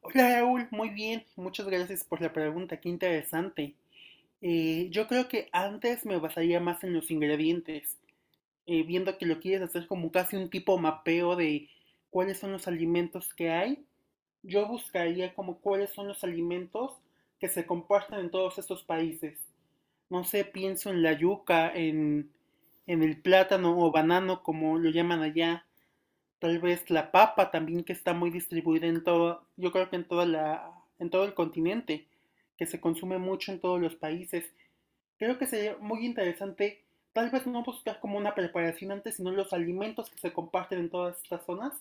Hola Raúl, muy bien, muchas gracias por la pregunta, qué interesante. Yo creo que antes me basaría más en los ingredientes, viendo que lo quieres hacer como casi un tipo mapeo de cuáles son los alimentos que hay. Yo buscaría como cuáles son los alimentos que se comparten en todos estos países. No sé, pienso en la yuca, en el plátano o banano, como lo llaman allá. Tal vez la papa también que está muy distribuida en todo, yo creo que en toda en todo el continente, que se consume mucho en todos los países. Creo que sería muy interesante, tal vez no buscar como una preparación antes, sino los alimentos que se comparten en todas estas zonas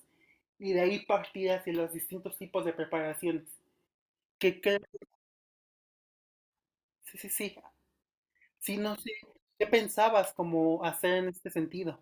y de ahí partir hacia los distintos tipos de preparaciones. Que creo, sí, sí, sí. Sí, no sé, ¿qué pensabas como hacer en este sentido?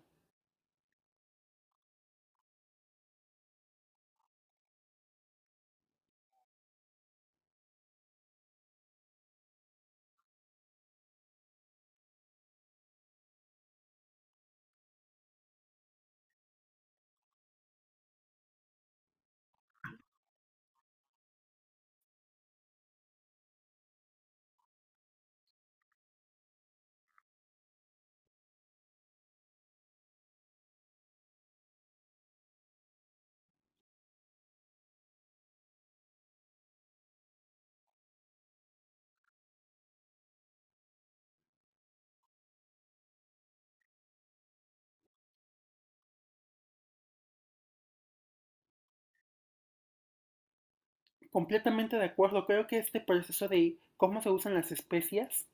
Completamente de acuerdo. Creo que este proceso de cómo se usan las especias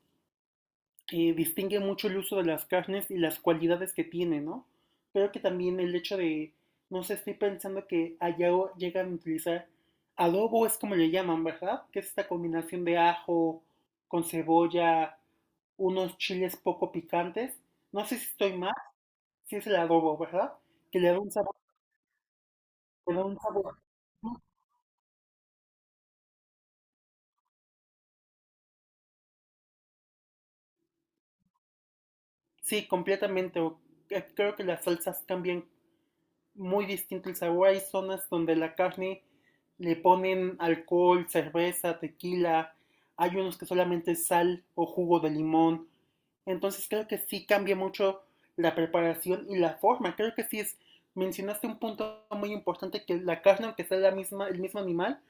distingue mucho el uso de las carnes y las cualidades que tiene, ¿no? Pero que también el hecho de, no sé, estoy pensando que allá llegan a utilizar adobo, es como le llaman, ¿verdad? Que es esta combinación de ajo con cebolla, unos chiles poco picantes. No sé si estoy mal, si es el adobo, ¿verdad? Que le da un sabor, le da un sabor. Sí, completamente. Creo que las salsas cambian muy distinto el sabor. Hay zonas donde la carne le ponen alcohol, cerveza, tequila. Hay unos que solamente sal o jugo de limón. Entonces creo que sí cambia mucho la preparación y la forma. Creo que sí es, mencionaste un punto muy importante que la carne, aunque sea la misma, el mismo animal,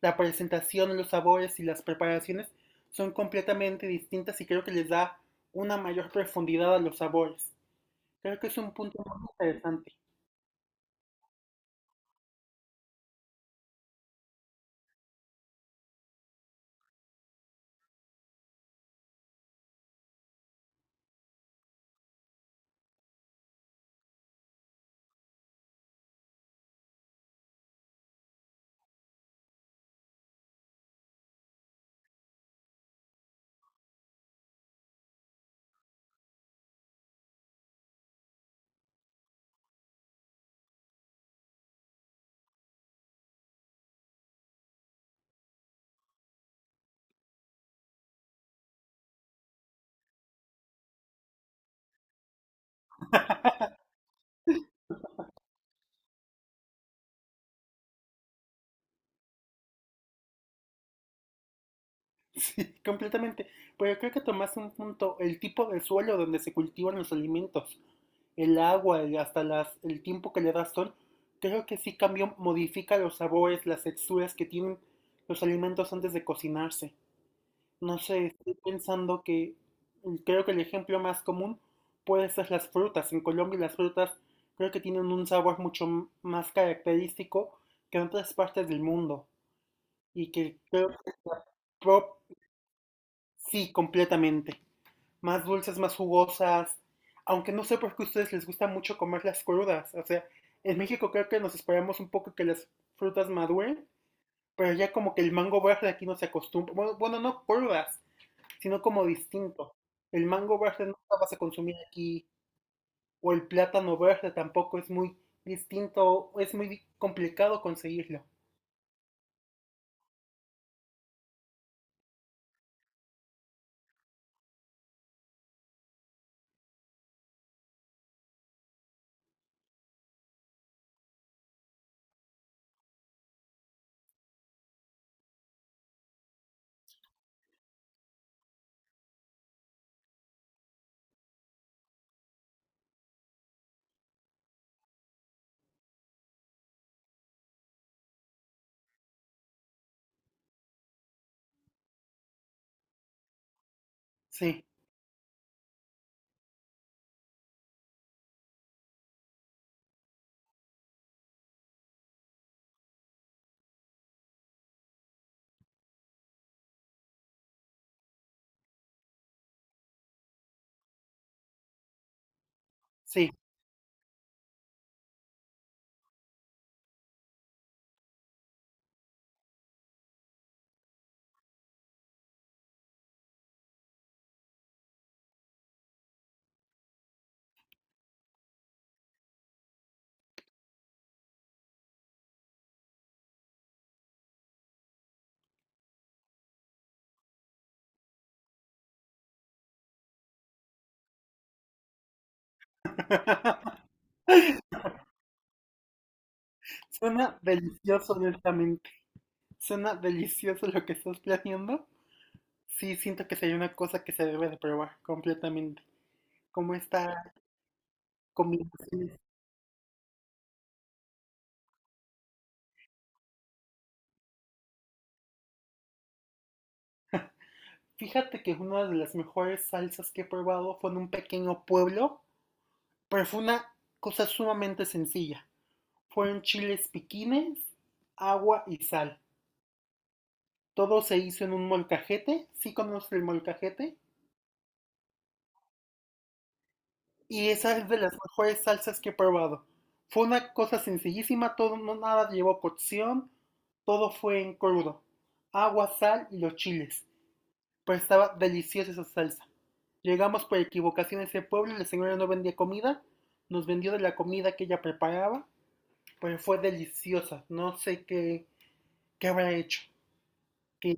la presentación, los sabores y las preparaciones son completamente distintas y creo que les da una mayor profundidad a los sabores. Creo que es un punto muy interesante. Sí, completamente. Pero creo que tomaste un punto, el tipo de suelo donde se cultivan los alimentos, el agua, hasta el tiempo que le das sol, creo que sí cambia, modifica los sabores, las texturas que tienen los alimentos antes de cocinarse. No sé, estoy pensando que creo que el ejemplo más común puede ser las frutas. En Colombia las frutas creo que tienen un sabor mucho más característico que en otras partes del mundo y que creo que la pro- Sí, completamente. Más dulces, más jugosas. Aunque no sé por qué a ustedes les gusta mucho comerlas crudas. O sea, en México creo que nos esperamos un poco que las frutas maduren, pero ya como que el mango verde aquí no se acostumbra. Bueno, bueno, no crudas, sino como distinto. El mango verde no lo vas a consumir aquí, o el plátano verde tampoco es muy distinto, es muy complicado conseguirlo. Sí, sí. Suena delicioso, honestamente. Suena delicioso lo que estás planeando. Sí, siento que sería una cosa que se debe de probar completamente, como esta combinación. Fíjate que una de las mejores salsas que he probado fue en un pequeño pueblo, pero fue una cosa sumamente sencilla. Fueron chiles piquines, agua y sal. Todo se hizo en un molcajete, sí conoces el molcajete, y esa es de las mejores salsas que he probado. Fue una cosa sencillísima, todo no nada llevó cocción, todo fue en crudo. Agua, sal y los chiles. Pero estaba deliciosa esa salsa. Llegamos por equivocación a ese pueblo, la señora no vendía comida, nos vendió de la comida que ella preparaba, pero fue deliciosa, no sé qué, qué habrá hecho. Que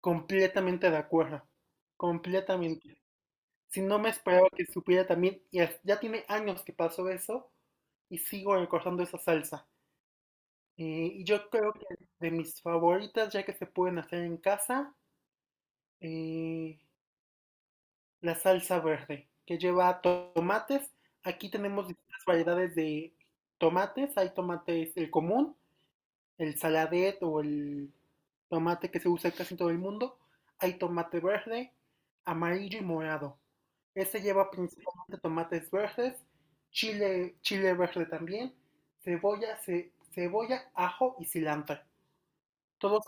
completamente de acuerdo, completamente. Si no me esperaba que supiera también, y ya tiene años que pasó eso, y sigo recordando esa salsa. Y yo creo que de mis favoritas, ya que se pueden hacer en casa, eh, la salsa verde, que lleva tomates. Aquí tenemos distintas variedades de tomates. Hay tomates, el común, el saladet o el tomate que se usa en casi todo el mundo. Hay tomate verde, amarillo y morado. Este lleva principalmente tomates verdes, chile, chile verde también, cebolla, cebolla, ajo y cilantro. Todos,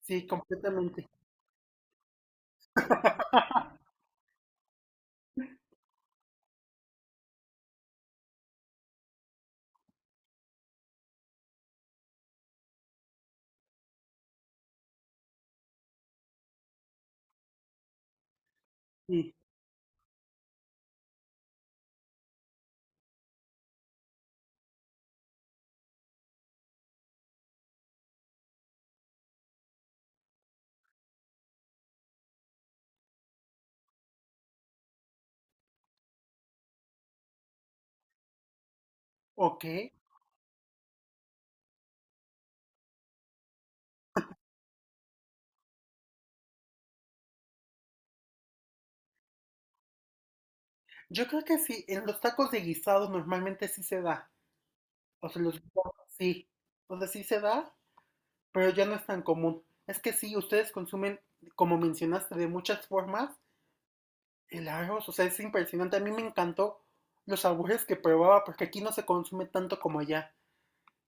sí, completamente. Sí, ok. Yo creo que sí, en los tacos de guisados normalmente sí se da. O se los digo, sí. O sea, sí se da, pero ya no es tan común. Es que sí, ustedes consumen, como mencionaste, de muchas formas el arroz. O sea, es impresionante. A mí me encantó los sabores que probaba porque aquí no se consume tanto como allá.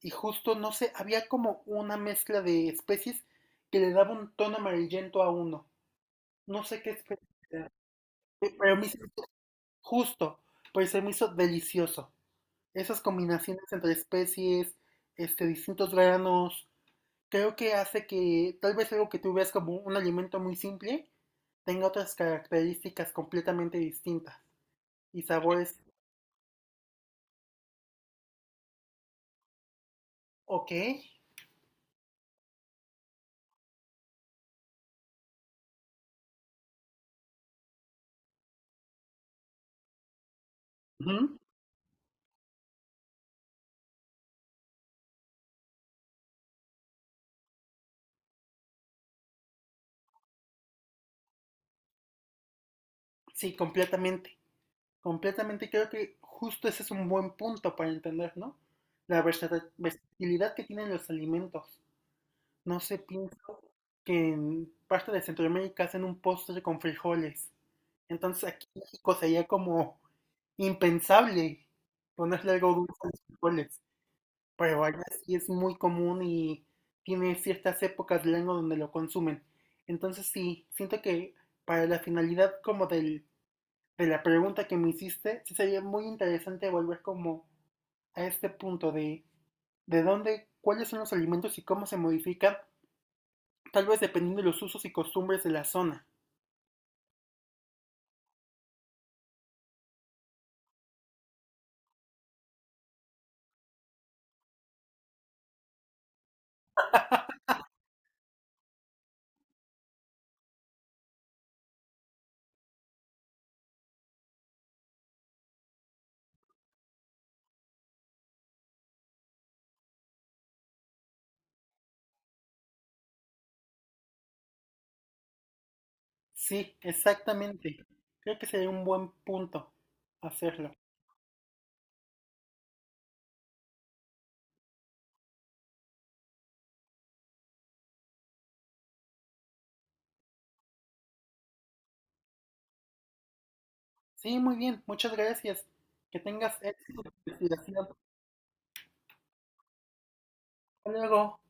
Y justo, no sé, había como una mezcla de especies que le daba un tono amarillento a uno. No sé qué especie, pero me hizo justo, pero se me hizo delicioso. Esas combinaciones entre especies, este, distintos granos, creo que hace que tal vez algo que tú ves como un alimento muy simple tenga otras características completamente distintas y sabores, ok, ujú, sí, completamente, completamente creo que justo ese es un buen punto para entender, ¿no? La versatilidad que tienen los alimentos. No sé, pienso que en parte de Centroamérica hacen un postre con frijoles, entonces aquí en México sería como impensable ponerle algo dulce a los frijoles. Pero allá sí es muy común y tiene ciertas épocas del año donde lo consumen. Entonces sí, siento que para la finalidad como del, de la pregunta que me hiciste, sí sería muy interesante volver como a este punto de dónde, cuáles son los alimentos y cómo se modifican, tal vez dependiendo de los usos y costumbres de la zona. Sí, exactamente. Creo que sería un buen punto hacerlo. Sí, muy bien. Muchas gracias. Que tengas éxito en tu investigación. Hasta luego.